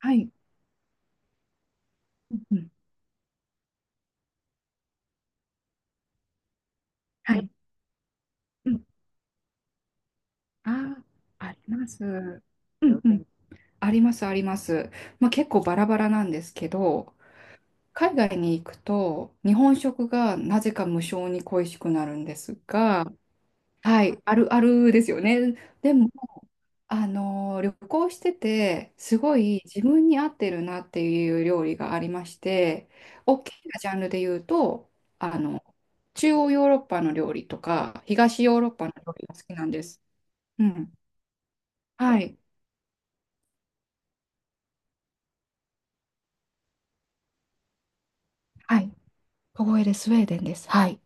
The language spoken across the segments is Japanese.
はい。うんうん。はね、い。うん。ああ、あります。うんうん。あります、あります。まあ結構バラバラなんですけど、海外に行くと日本食がなぜか無性に恋しくなるんですが、はい、あるあるですよね。でも、旅行してて、すごい自分に合ってるなっていう料理がありまして、大きなジャンルで言うと、あの、中央ヨーロッパの料理とか、東ヨーロッパの料理が好きなんです。うん。はい。はい。小声でスウェーデンです。はい。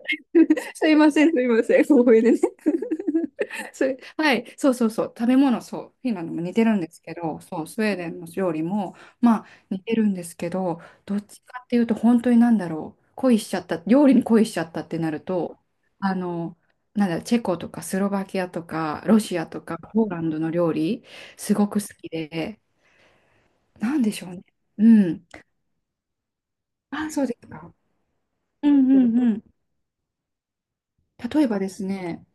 すいません、すいません、小声でね。それ、はい、そうそうそう、食べ物、そう、フィンランドも似てるんですけど、そう、スウェーデンの料理も、まあ、似てるんですけど、どっちかっていうと、本当になんだろう、恋しちゃった、料理に恋しちゃったってなると、あの、なんだろう、チェコとかスロバキアとか、ロシアとか、ポーランドの料理、すごく好きで、なんでしょうね。うん。あ、そうですか。うんうんうん。例えばですね、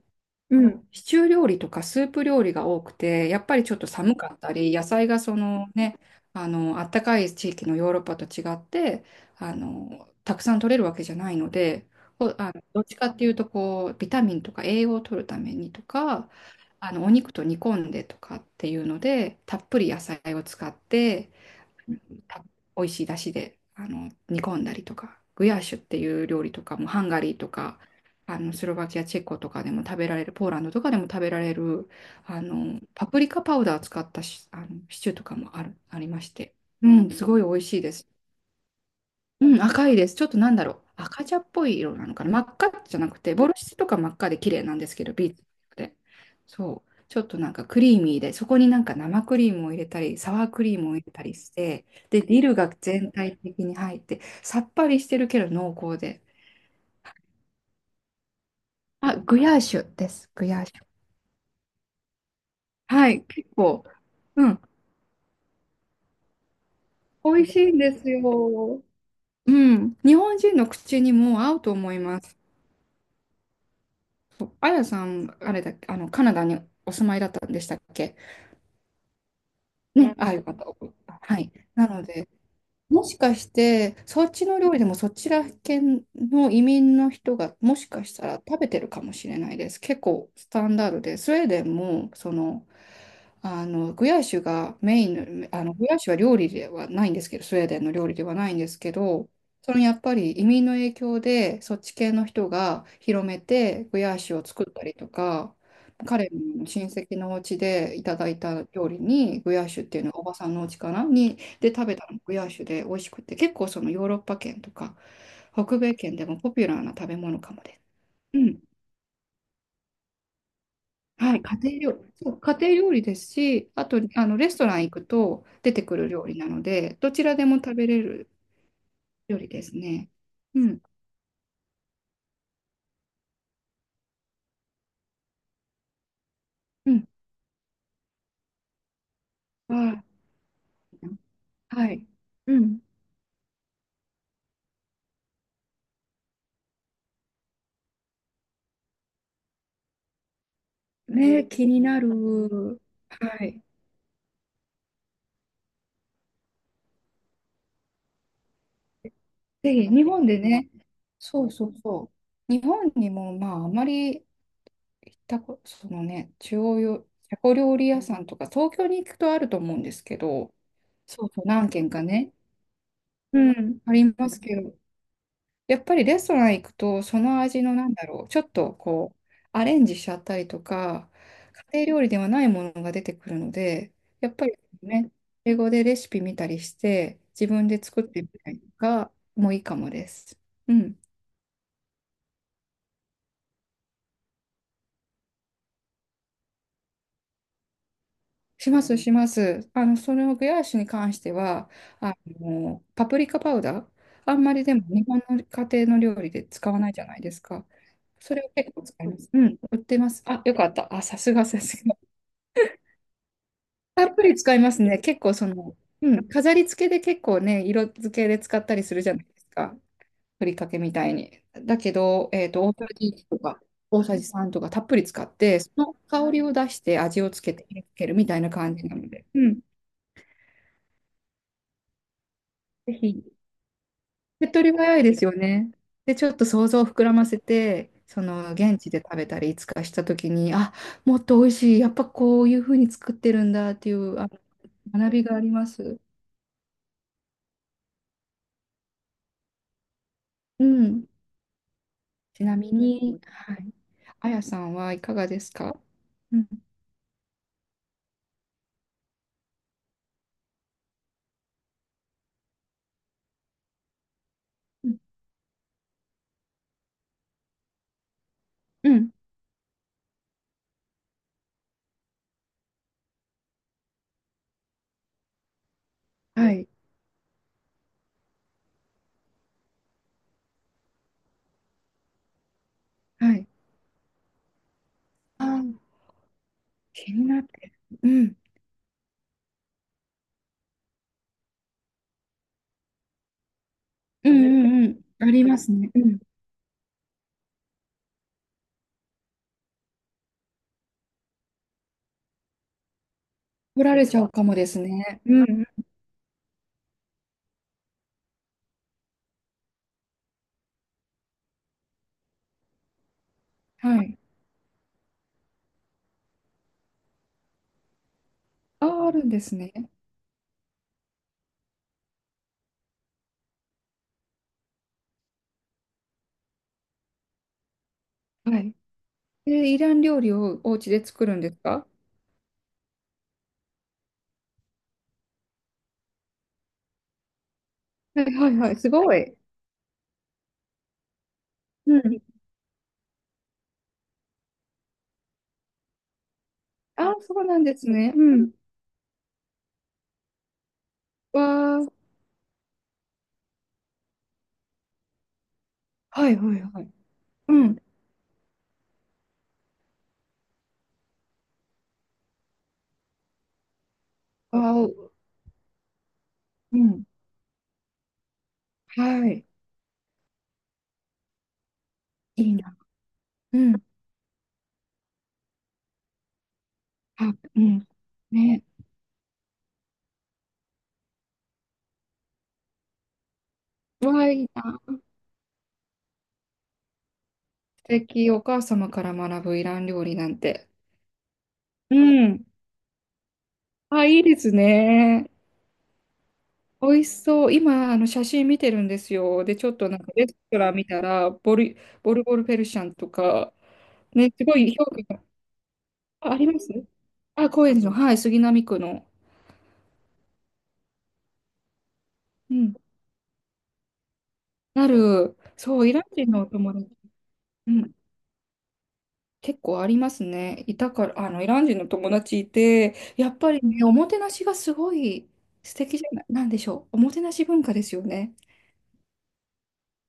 うん、シチュー料理とかスープ料理が多くて、やっぱりちょっと寒かったり、野菜がそのね、あったかい地域のヨーロッパと違って、たくさん取れるわけじゃないので、こあの、どっちかっていうと、こう、ビタミンとか栄養を取るためにとか、お肉と煮込んでとかっていうので、たっぷり野菜を使って、た美味しい出汁で煮込んだりとか、グヤーシュっていう料理とかもハンガリーとか、スロバキア、チェコとかでも食べられる、ポーランドとかでも食べられる、パプリカパウダー使ったし、シチューとかもありまして、うん、すごい美味しいです。うん、赤いです。ちょっとなんだろう。赤茶っぽい色なのかな。真っ赤じゃなくて、ボルシチとか真っ赤で綺麗なんですけど、ビーツで。そう。ちょっとなんかクリーミーで、そこになんか生クリームを入れたり、サワークリームを入れたりして、で、ディルが全体的に入って、さっぱりしてるけど濃厚で。あ、グヤーシュです。グヤーシュ。はい、結構、うん、美味しいんですよ。うん、日本人の口にも合うと思います。あやさん、あれだっけ、カナダにお住まいだったんでしたっけ。ね、ああ、よかった。はい。なので、もしかして、そっちの料理でもそちら系の移民の人がもしかしたら食べてるかもしれないです。結構スタンダードで、スウェーデンもその、グヤッシュがメインの、グヤッシュは料理ではないんですけど、スウェーデンの料理ではないんですけど、そのやっぱり移民の影響でそっち系の人が広めてグヤッシュを作ったりとか、彼の親戚のお家でいただいた料理にグヤッシュっていうのがおばさんのお家かなにで食べたのがグヤーシュで美味しくて、結構そのヨーロッパ圏とか北米圏でもポピュラーな食べ物かもです。うん。はい、家庭料、そう、家庭料理ですし、あと、レストラン行くと出てくる料理なので、どちらでも食べれる料理ですね。うん、うん。はい。はい。うん。ね、気になる。はい。ぜひ、日本でね、そうそうそう。日本にも、まあ、あまり行ったこと、そのね、中央よ、タコ料理屋さんとか、東京に行くとあると思うんですけど、そうそう。何軒かね、うん。ありますけど、やっぱりレストラン行くと、その味のなんだろう、ちょっとこう、アレンジしちゃったりとか、家庭料理ではないものが出てくるので、やっぱりね、英語でレシピ見たりして、自分で作ってみたりとかもいいかもです。うん。します、します。そのグヤーシュに関しては、あパプリカパウダー、あんまりでも日本の家庭の料理で使わないじゃないですか。それを結構使います。うん、売ってます。あ、よかった。あ、さすがさすが。たっぷり使いますね。結構その、うん、飾り付けで結構ね、色付けで使ったりするじゃないですか。ふりかけみたいに。だけど、大さじ1とか、大さじ3とかたっぷり使って、その香りを出して味をつけて入れてるみたいな感じなので。うん。ぜひ手っ取り早いですよね。で、ちょっと想像を膨らませて、その現地で食べたりいつかした時に、あ、もっと美味しい、やっぱこういうふうに作ってるんだっていう、あ、学びがあります。うん。ちなみに、はい。あやさんはいかがですか？うん。うん。うんはい。はい。あ、気になってる。うん。うんうんうん。ありますね。うん。取られちゃうかもですね。うん。はい。あ、あるんですね。はい。え、イラン料理をお家で作るんですか？はいはいはい。すごい。うん。あ、そうなんですね。うん。わー。はいはいはい。うん。わお。うん。はい。いいな。うん。あ、うん。ね。わー、いいな。素敵。お母様から学ぶイラン料理なんて。うん。あ、いいですね。美味しそう。今、写真見てるんですよ。で、ちょっとなんかレストラン見たら、ボル、ボルボルペルシャンとか、ね、すごい評価が、あ、あります。あ、高円寺の、はい、杉並区の。うん。なる、そう、イラン人のお友達、うん、結構ありますね。いたから、イラン人の友達いて、やっぱりね、おもてなしがすごい素敵じゃない、なんでしょう。おもてなし文化ですよね。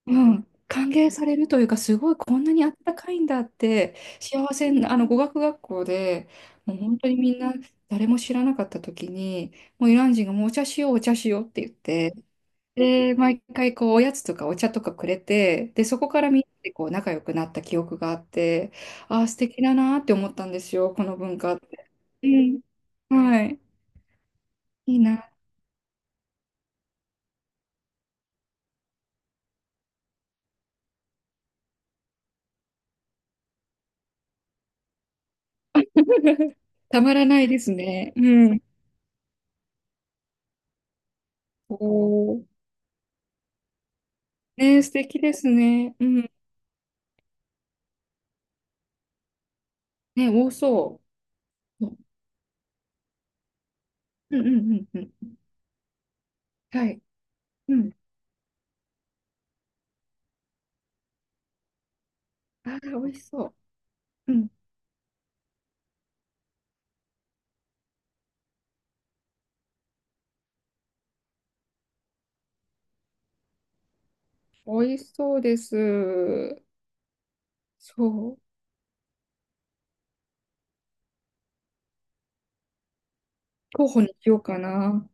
うん。歓迎されるというか、すごいこんなにあったかいんだって、幸せな、語学学校で、もう本当にみんな、誰も知らなかった時に、もうイラン人がもうお茶しよう、お茶しようって言って、で、毎回こう、おやつとかお茶とかくれて、で、そこからみんなでこう、仲良くなった記憶があって、ああ、素敵だなーって思ったんですよ、この文化って。うんはい。いいな。たまらないですね。うん。おー。ね、素敵ですね。うん。ね、多そう。うんうんうんうん。はい。うん。ああ、美味しそう。うん。美味しそうです。そう。候補にしようかな。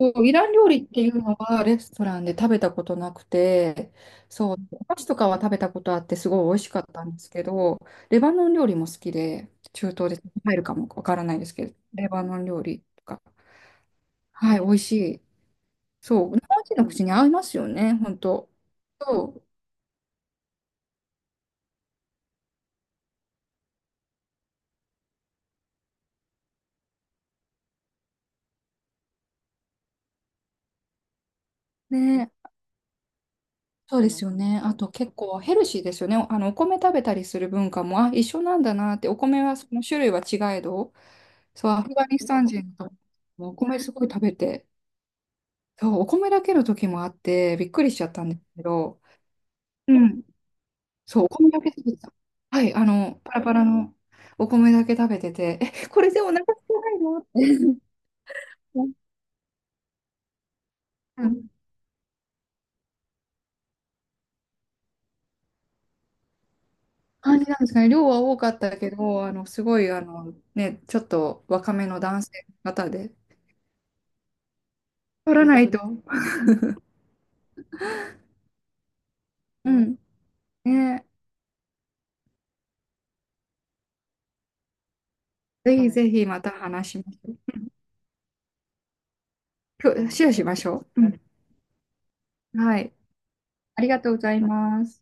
そう、イラン料理っていうのはレストランで食べたことなくて、そう、お菓子とかは食べたことあってすごい美味しかったんですけど、レバノン料理も好きで、中東で入るかもわからないですけど、レバノン料理とか、はい、美味しい。そう、日本人の口に合いますよね、本当。そう、ね、そうですよね。あと結構ヘルシーですよね。お米食べたりする文化も、あ、一緒なんだなって、お米はその種類は違えど、そう、アフガニスタン人とかもお米すごい食べて、そう、お米だけの時もあって、びっくりしちゃったんですけど、うん。そう、お米だけ食べてた。はい、パラパラのお米だけ食べてて、え、これでお腹空かないのって、うん、感じなんですかね。量は多かったけど、すごい、ね、ちょっと若めの男性の方で、取らないと。うん。ね、ぜひぜひまた話しましょう。今日シェアしましょう。うん。はい。ありがとうございます。